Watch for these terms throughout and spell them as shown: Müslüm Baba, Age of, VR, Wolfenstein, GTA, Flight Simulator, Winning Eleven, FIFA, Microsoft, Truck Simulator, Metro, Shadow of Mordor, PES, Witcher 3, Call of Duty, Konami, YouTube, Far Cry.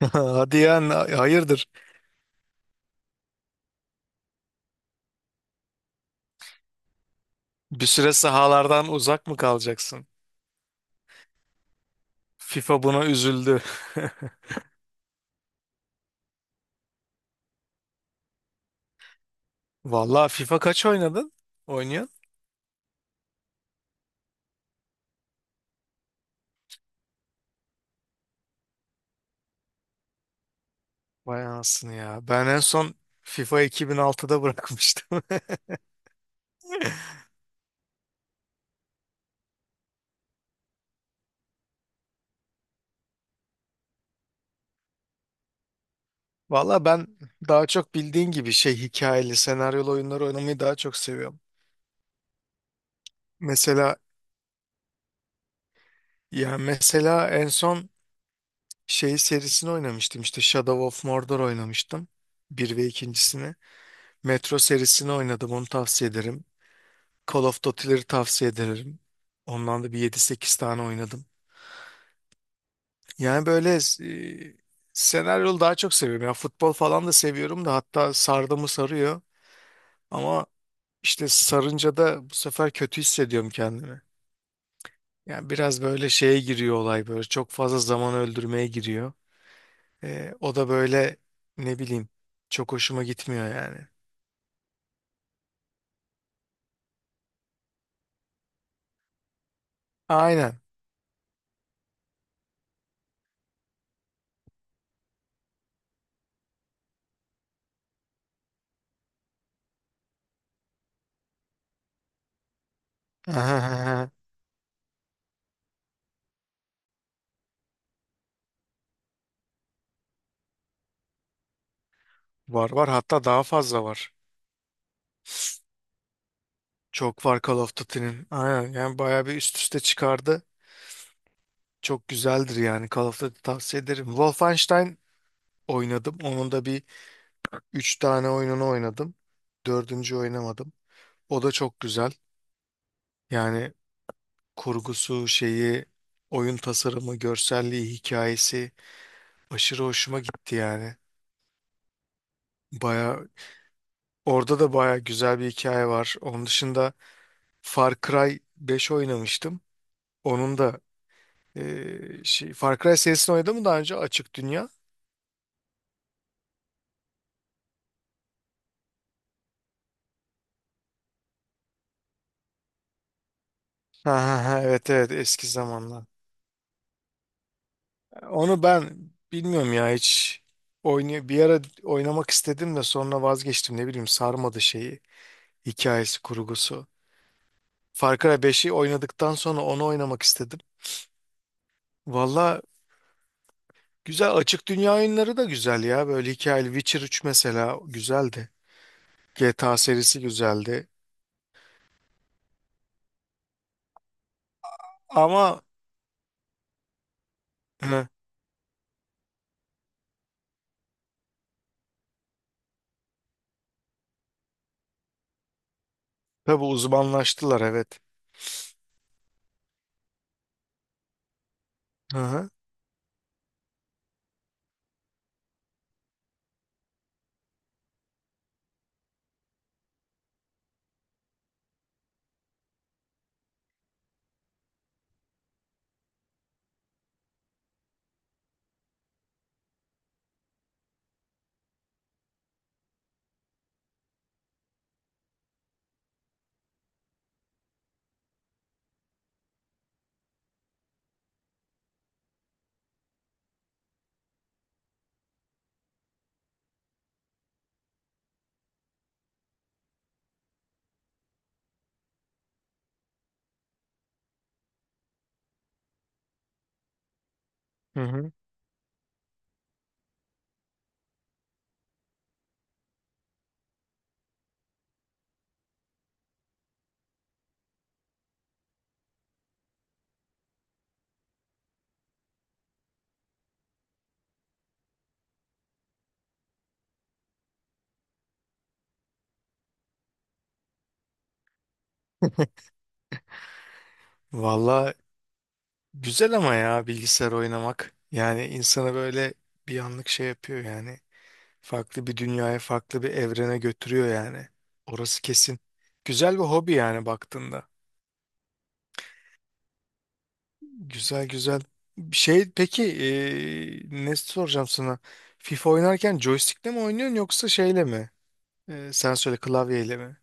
Hadi ya hayırdır? Bir süre sahalardan uzak mı kalacaksın? FIFA buna üzüldü. Vallahi FIFA kaç oynadın? Oynuyorsun? Vay anasını ya. Ben en son FIFA 2006'da bırakmıştım. Vallahi ben daha çok bildiğin gibi şey hikayeli, senaryolu oyunları oynamayı daha çok seviyorum. Mesela mesela, en son şey serisini oynamıştım işte Shadow of Mordor oynamıştım. Bir ve ikincisini. Metro serisini oynadım, onu tavsiye ederim. Call of Duty'leri tavsiye ederim. Ondan da bir yedi sekiz tane oynadım. Yani böyle e, senaryolu daha çok seviyorum. Ya futbol falan da seviyorum da, hatta sardı mı sarıyor. Ama işte sarınca da bu sefer kötü hissediyorum kendimi. Yani biraz böyle şeye giriyor olay, böyle çok fazla zaman öldürmeye giriyor. O da böyle ne bileyim çok hoşuma gitmiyor yani. Aynen. Var var, hatta daha fazla var. Çok var Call of Duty'nin. Aynen yani bayağı bir üst üste çıkardı. Çok güzeldir yani, Call of Duty tavsiye ederim. Wolfenstein oynadım. Onun da bir 3 tane oyununu oynadım. Dördüncü oynamadım. O da çok güzel. Yani kurgusu, şeyi, oyun tasarımı, görselliği, hikayesi aşırı hoşuma gitti yani. Baya orada da baya güzel bir hikaye var. Onun dışında Far Cry 5 oynamıştım. Onun da şey, Far Cry serisini oynadım mı daha önce, açık dünya? Ha, ha, ha, evet evet eski zamanlar. Onu ben bilmiyorum ya hiç, bir ara oynamak istedim de sonra vazgeçtim, ne bileyim sarmadı şeyi, hikayesi, kurgusu. Far Cry 5'i oynadıktan sonra onu oynamak istedim. Valla güzel, açık dünya oyunları da güzel ya, böyle hikayeli Witcher 3 mesela güzeldi. GTA serisi güzeldi. Ama hı, tabii uzmanlaştılar, evet. Hı hı. Hı hı. Valla, güzel ama ya bilgisayar oynamak. Yani insanı böyle bir anlık şey yapıyor yani. Farklı bir dünyaya, farklı bir evrene götürüyor yani. Orası kesin. Güzel bir hobi yani baktığında. Güzel güzel. Şey peki, ne soracağım sana? FIFA oynarken joystick'le mi oynuyorsun yoksa şeyle mi? Sen söyle, klavyeyle mi?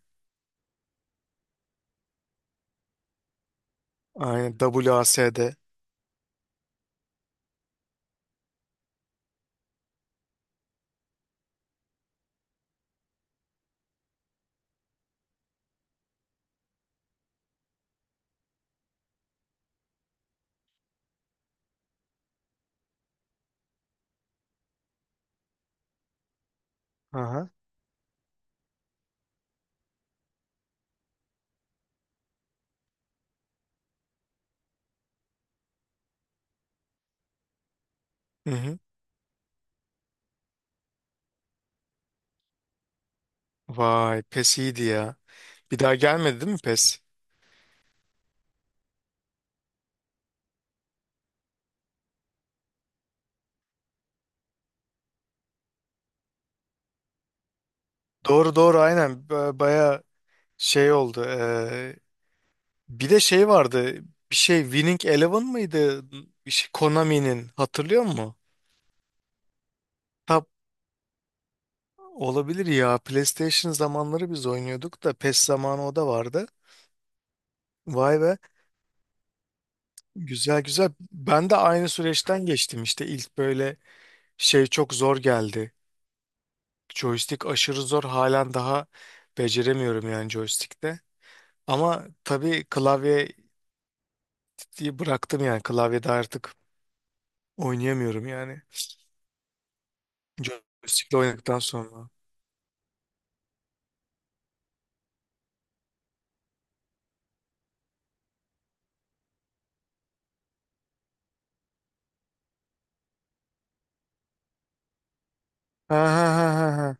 Aynen, WASD. Aha. Hı hı. Vay PES iyiydi ya. Bir daha gelmedi değil mi PES? Doğru doğru aynen. Şey oldu. Bir de şey vardı. Bir şey Winning Eleven mıydı? Bir şey Konami'nin. Hatırlıyor musun? Tab olabilir ya. PlayStation zamanları biz oynuyorduk da, PES zamanı o da vardı. Vay be. Güzel güzel. Ben de aynı süreçten geçtim işte. İlk böyle şey çok zor geldi. Joystick aşırı zor. Halen daha beceremiyorum yani joystick'te. Ama tabii klavye bıraktım yani. Klavyede artık oynayamıyorum yani. Joystick'le oynadıktan sonra. Ha ha ha ha, ha.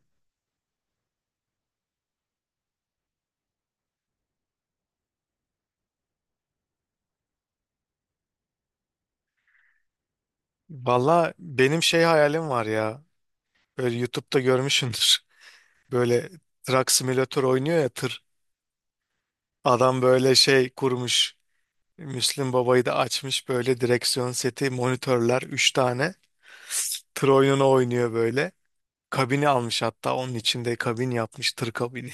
Valla benim şey hayalim var ya. Böyle YouTube'da görmüşsündür. Böyle Truck Simulator oynuyor ya, tır. Adam böyle şey kurmuş. Müslüm Baba'yı da açmış, böyle direksiyon seti, monitörler 3 tane. Tır oyununu oynuyor böyle. Kabini almış, hatta onun içinde kabin yapmış, tır kabini.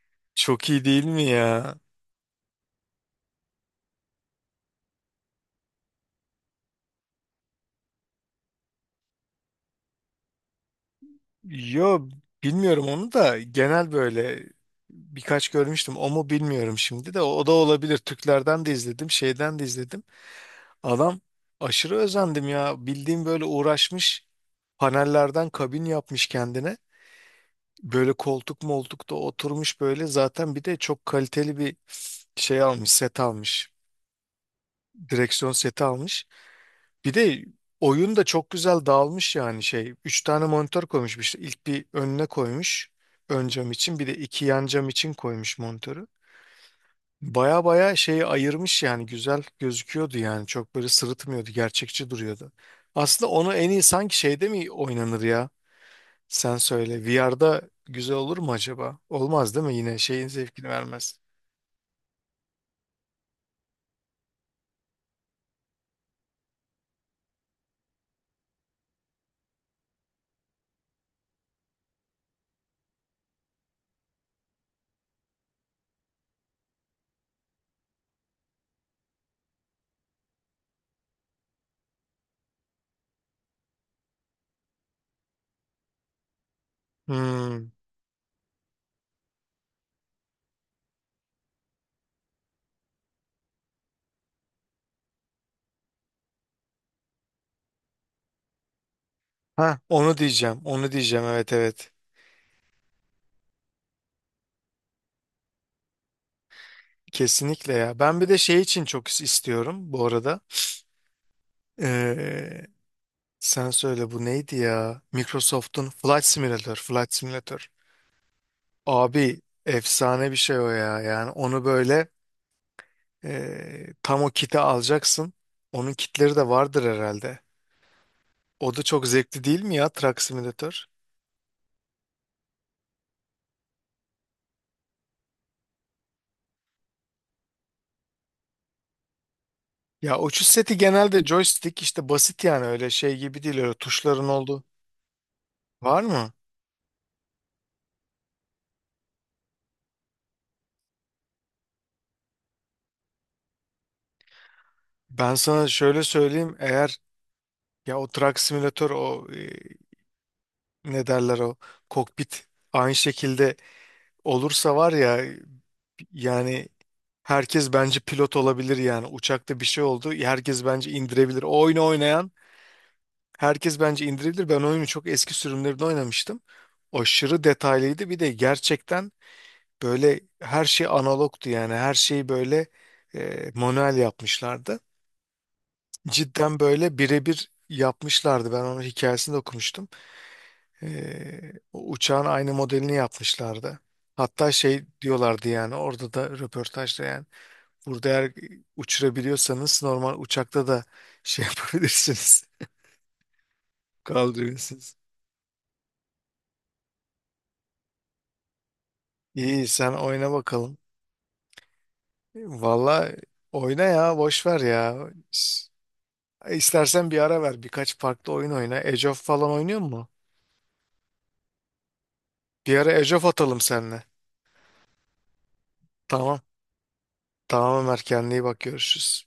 Çok iyi değil mi ya? Yo bilmiyorum, onu da genel böyle birkaç görmüştüm. O mu bilmiyorum şimdi de. O da olabilir. Türklerden de izledim, şeyden de izledim. Adam aşırı özendim ya. Bildiğim böyle uğraşmış. Panellerden kabin yapmış kendine. Böyle koltuk moltuk da oturmuş böyle. Zaten bir de çok kaliteli bir şey almış, set almış. Direksiyon seti almış. Bir de oyun da çok güzel dağılmış yani şey. Üç tane monitör koymuş işte. İlk bir önüne koymuş, ön cam için. Bir de iki yan cam için koymuş monitörü. Baya baya şeyi ayırmış yani, güzel gözüküyordu yani. Çok böyle sırıtmıyordu. Gerçekçi duruyordu. Aslında onu en iyi sanki şeyde mi oynanır ya? Sen söyle. VR'da güzel olur mu acaba? Olmaz değil mi? Yine şeyin zevkini vermez. Hmm. Ha, onu diyeceğim. Onu diyeceğim. Evet evet. Kesinlikle ya. Ben bir de şey için çok istiyorum bu arada. Ee, sen söyle, bu neydi ya? Microsoft'un Flight Simulator, Flight Simulator. Abi efsane bir şey o ya. Yani onu böyle tam o kiti alacaksın. Onun kitleri de vardır herhalde. O da çok zevkli değil mi ya, Truck Simulator? Ya uçuş seti genelde joystick işte, basit yani, öyle şey gibi değil, öyle tuşların olduğu. Var mı? Ben sana şöyle söyleyeyim, eğer ya o Truck Simulator o, ne derler, o kokpit aynı şekilde olursa var ya yani, herkes bence pilot olabilir yani, uçakta bir şey oldu herkes bence indirebilir. O oyunu oynayan herkes bence indirebilir. Ben oyunu çok eski sürümlerinde oynamıştım. Aşırı detaylıydı, bir de gerçekten böyle her şey analogtu yani, her şeyi böyle manuel yapmışlardı. Cidden böyle birebir yapmışlardı. Ben onun hikayesini de okumuştum. O uçağın aynı modelini yapmışlardı. Hatta şey diyorlardı yani orada da röportajda yani. Burada eğer uçurabiliyorsanız normal uçakta da şey yapabilirsiniz. Kaldırıyorsunuz. İyi, sen oyna bakalım. Valla oyna ya, boş ver ya. İs- İstersen bir ara ver, birkaç farklı oyun oyna. Age of falan oynuyor mu? Bir ara Age of atalım seninle. Tamam. Tamam Ömer, kendine iyi bak, görüşürüz.